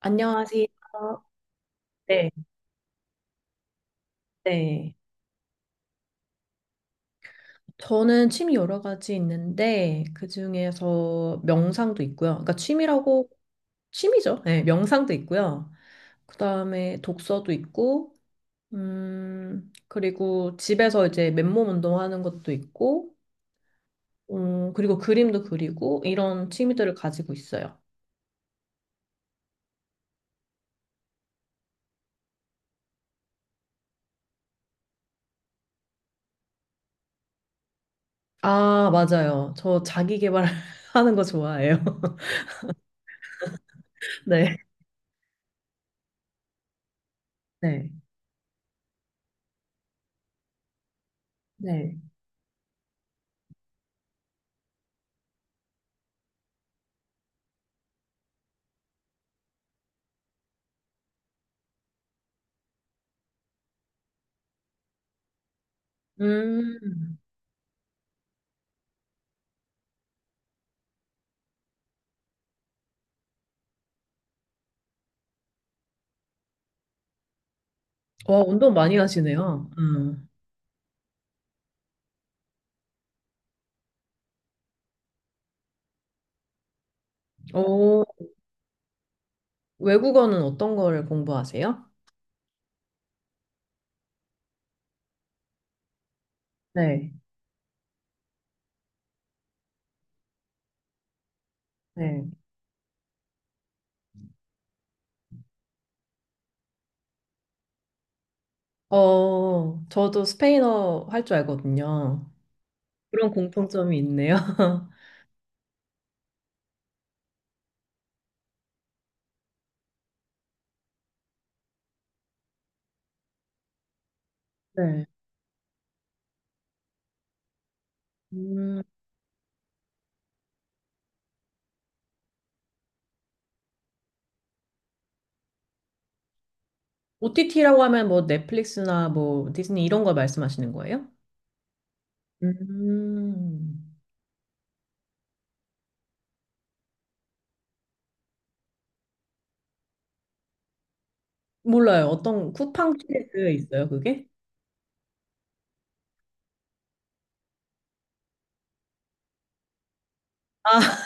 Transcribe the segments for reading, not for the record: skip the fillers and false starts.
안녕하세요. 네, 네. 저는 취미 여러 가지 있는데 그중에서 명상도 있고요. 그러니까 취미라고 취미죠. 네, 명상도 있고요. 그다음에 독서도 있고, 그리고 집에서 이제 맨몸 운동하는 것도 있고, 그리고 그림도 그리고 이런 취미들을 가지고 있어요. 아, 맞아요. 저 자기 개발하는 거 좋아해요. 네. 네. 네. 음. 와, 운동 많이 하시네요. 음. 어, 외국어는 어떤 거를 공부하세요? 네, 네. 저도 스페인어 할 줄 알거든요. 그런 공통점이 있네요. 네. 음. OTT라고 하면 뭐 넷플릭스나 뭐 디즈니 이런 걸 말씀하시는 거예요? 음, 몰라요. 어떤 쿠팡 시리즈 있어요, 그게? 아,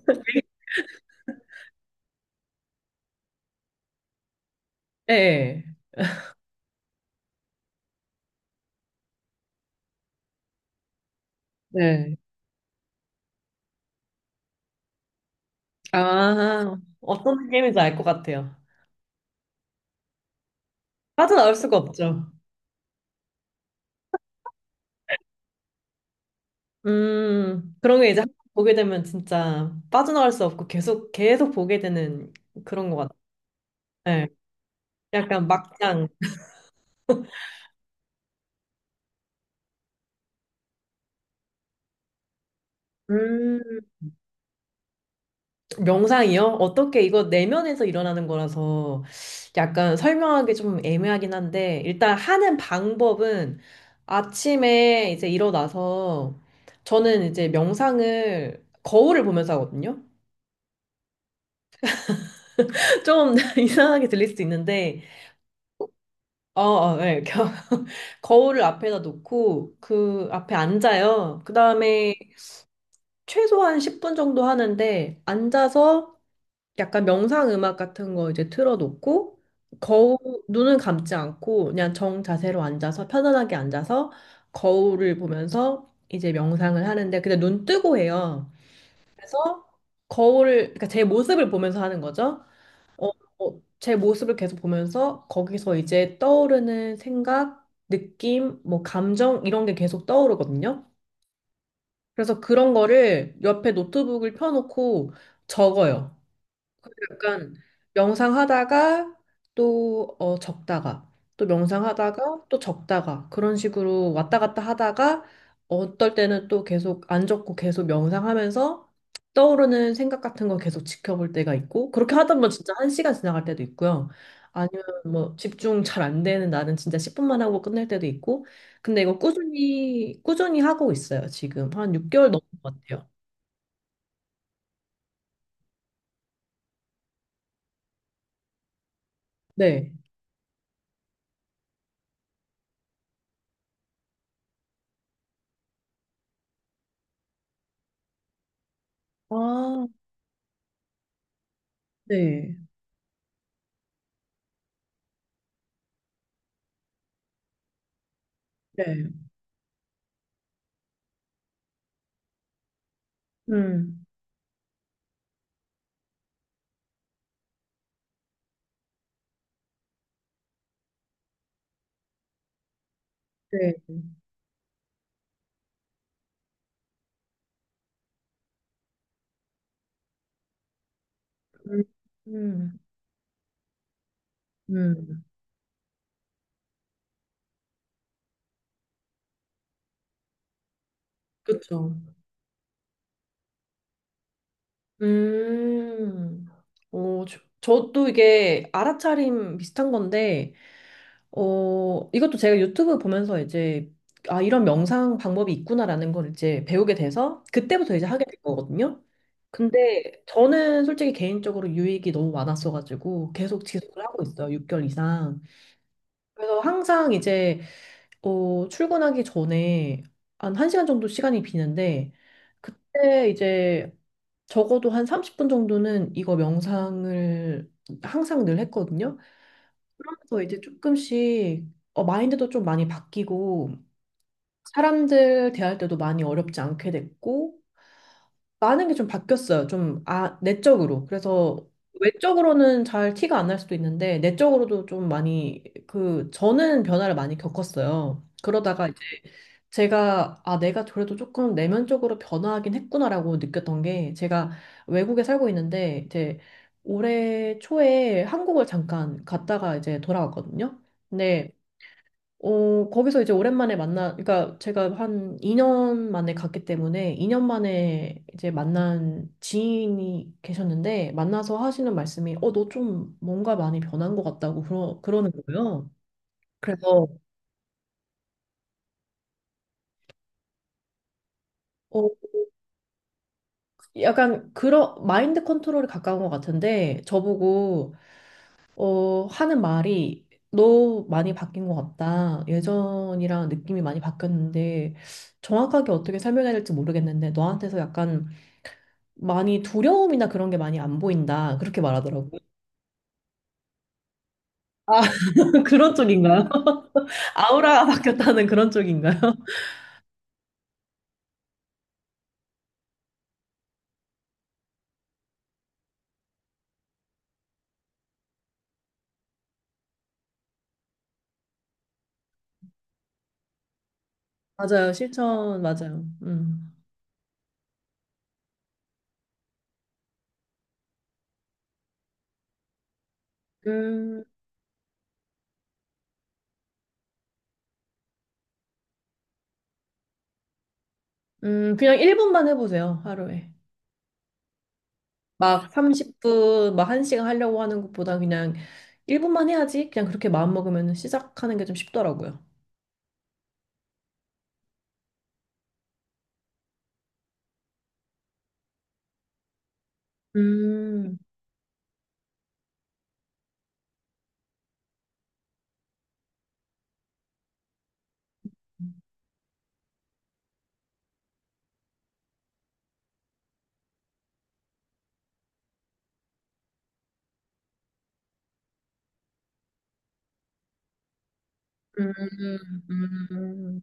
네. 네. 아, 어떤 게임인지 알 것 같아요. 빠져나올 수가 없죠. 그런 게 이제 한번 보게 되면 진짜 빠져나갈 수 없고 계속, 계속 보게 되는 그런 것 같아요. 네. 약간 막장. 음, 명상이요? 어떻게 이거 내면에서 일어나는 거라서 약간 설명하기 좀 애매하긴 한데, 일단 하는 방법은 아침에 이제 일어나서, 저는 이제 명상을 거울을 보면서 하거든요. 좀 이상하게 들릴 수도 있는데. 어, 어, 네. 거울을 앞에다 놓고 그 앞에 앉아요. 그 다음에 최소한 10분 정도 하는데, 앉아서 약간 명상 음악 같은 거 이제 틀어놓고, 거울, 눈은 감지 않고 그냥 정 자세로 앉아서, 편안하게 앉아서 거울을 보면서 이제 명상을 하는데, 근데 눈 뜨고 해요. 그래서 거울을, 그러니까 제 모습을 보면서 하는 거죠. 어, 제 모습을 계속 보면서 거기서 이제 떠오르는 생각, 느낌, 뭐 감정 이런 게 계속 떠오르거든요. 그래서 그런 거를 옆에 노트북을 펴놓고 적어요. 약간 명상하다가 또 적다가, 또 명상하다가 또 적다가 그런 식으로 왔다 갔다 하다가, 어떨 때는 또 계속 안 적고 계속 명상하면서 떠오르는 생각 같은 거 계속 지켜볼 때가 있고, 그렇게 하다 보면 진짜 한 시간 지나갈 때도 있고요. 아니면 뭐 집중 잘 안 되는 나는 진짜 10분만 하고 끝낼 때도 있고. 근데 이거 꾸준히 꾸준히 하고 있어요. 지금 한 6개월 넘은 것 같아요. 네. 아, 네. 네. 음. 네. 음, 음, 음. 그쵸. 음. 저도 이게 알아차림 비슷한 건데, 이것도 제가 유튜브 보면서 이제, 아, 이런 명상 방법이 있구나라는 걸 이제 배우게 돼서, 그때부터 이제 하게 된 거거든요. 근데 저는 솔직히 개인적으로 유익이 너무 많았어가지고, 계속 지속을 하고 있어요. 6개월 이상. 그래서 항상 이제, 출근하기 전에 한 1시간 정도 시간이 비는데, 그때 이제 적어도 한 30분 정도는 이거 명상을 항상 늘 했거든요. 그러면서 이제 조금씩 마인드도 좀 많이 바뀌고, 사람들 대할 때도 많이 어렵지 않게 됐고, 많은 게 좀 바뀌었어요. 좀, 아, 내적으로. 그래서 외적으로는 잘 티가 안 날 수도 있는데, 내적으로도 좀 많이, 그, 저는 변화를 많이 겪었어요. 그러다가 이제 제가, 아, 내가 그래도 조금 내면적으로 변화하긴 했구나라고 느꼈던 게, 제가 외국에 살고 있는데, 이제 올해 초에 한국을 잠깐 갔다가 이제 돌아왔거든요. 근데 거기서 이제 오랜만에 만나, 그러니까 제가 한 2년 만에 갔기 때문에 2년 만에 이제 만난 지인이 계셨는데, 만나서 하시는 말씀이 너 좀 뭔가 많이 변한 것 같다고 그러는 거예요. 그래서 어, 약간 그런 마인드 컨트롤에 가까운 것 같은데, 저보고 하는 말이 너 많이 바뀐 것 같다. 예전이랑 느낌이 많이 바뀌었는데, 정확하게 어떻게 설명해야 될지 모르겠는데, 너한테서 약간 많이 두려움이나 그런 게 많이 안 보인다. 그렇게 말하더라고요. 아, 그런 쪽인가요? 아우라가 바뀌었다는 그런 쪽인가요? 맞아요. 실천, 맞아요. 음. 음, 그냥 1분만 해보세요. 하루에. 막 30분, 막 한 시간 하려고 하는 것보다 그냥 1분만 해야지. 그냥 그렇게 마음먹으면 시작하는 게 좀 쉽더라고요. 음, 음, 음.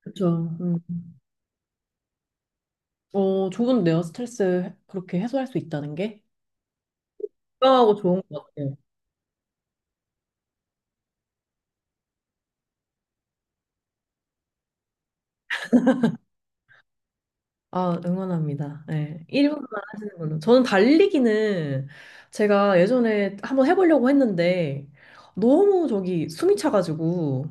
그렇죠. 음. 좋은데요. 스트레스 그렇게 해소할 수 있다는 게. 건강하고 좋은 것 같아요. 아, 응원합니다. 네, 1분만 하시는 분은. 저는 달리기는 제가 예전에 한번 해보려고 했는데 너무 저기 숨이 차가지고.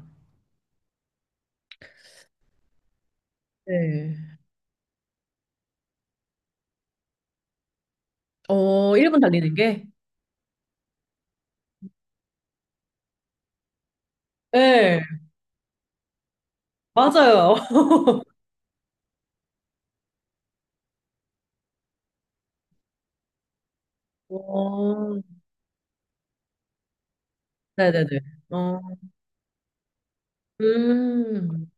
네. 어, 1분 달리는 게? 네, 맞아요. 어, 네네네. 어, 음,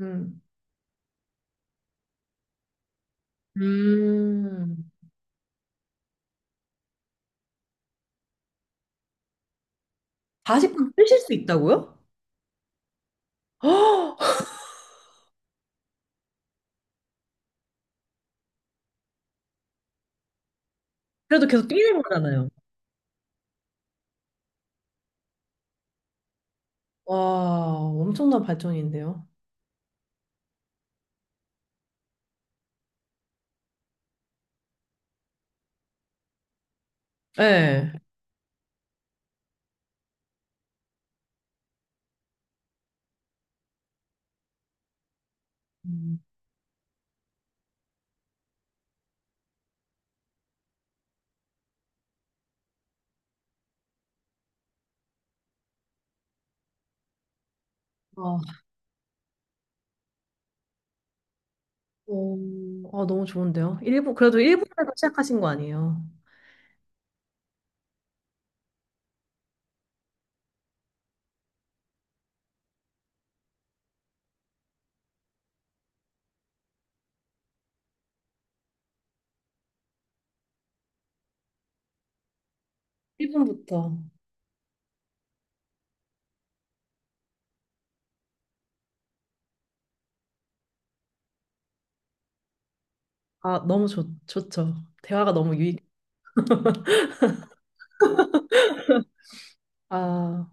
음, 음. 40분 뛰실 수 있다고요? 헉! 그래도 계속 뛰는 거잖아요. 와, 엄청난 발전인데요. 네. 음. 아, 오, 아, 너무 좋은데요. 일본, 그래도 일본에서 시작하신 거 아니에요? 일본부터. 아, 너무 좋죠. 대화가 너무 유익. 아,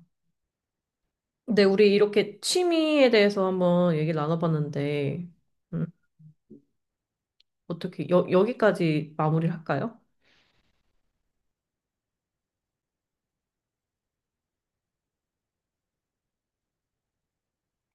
근데 우리 이렇게 취미에 대해서 한번 얘기를 나눠봤는데, 음. 어떻게 여기까지 마무리를 할까요?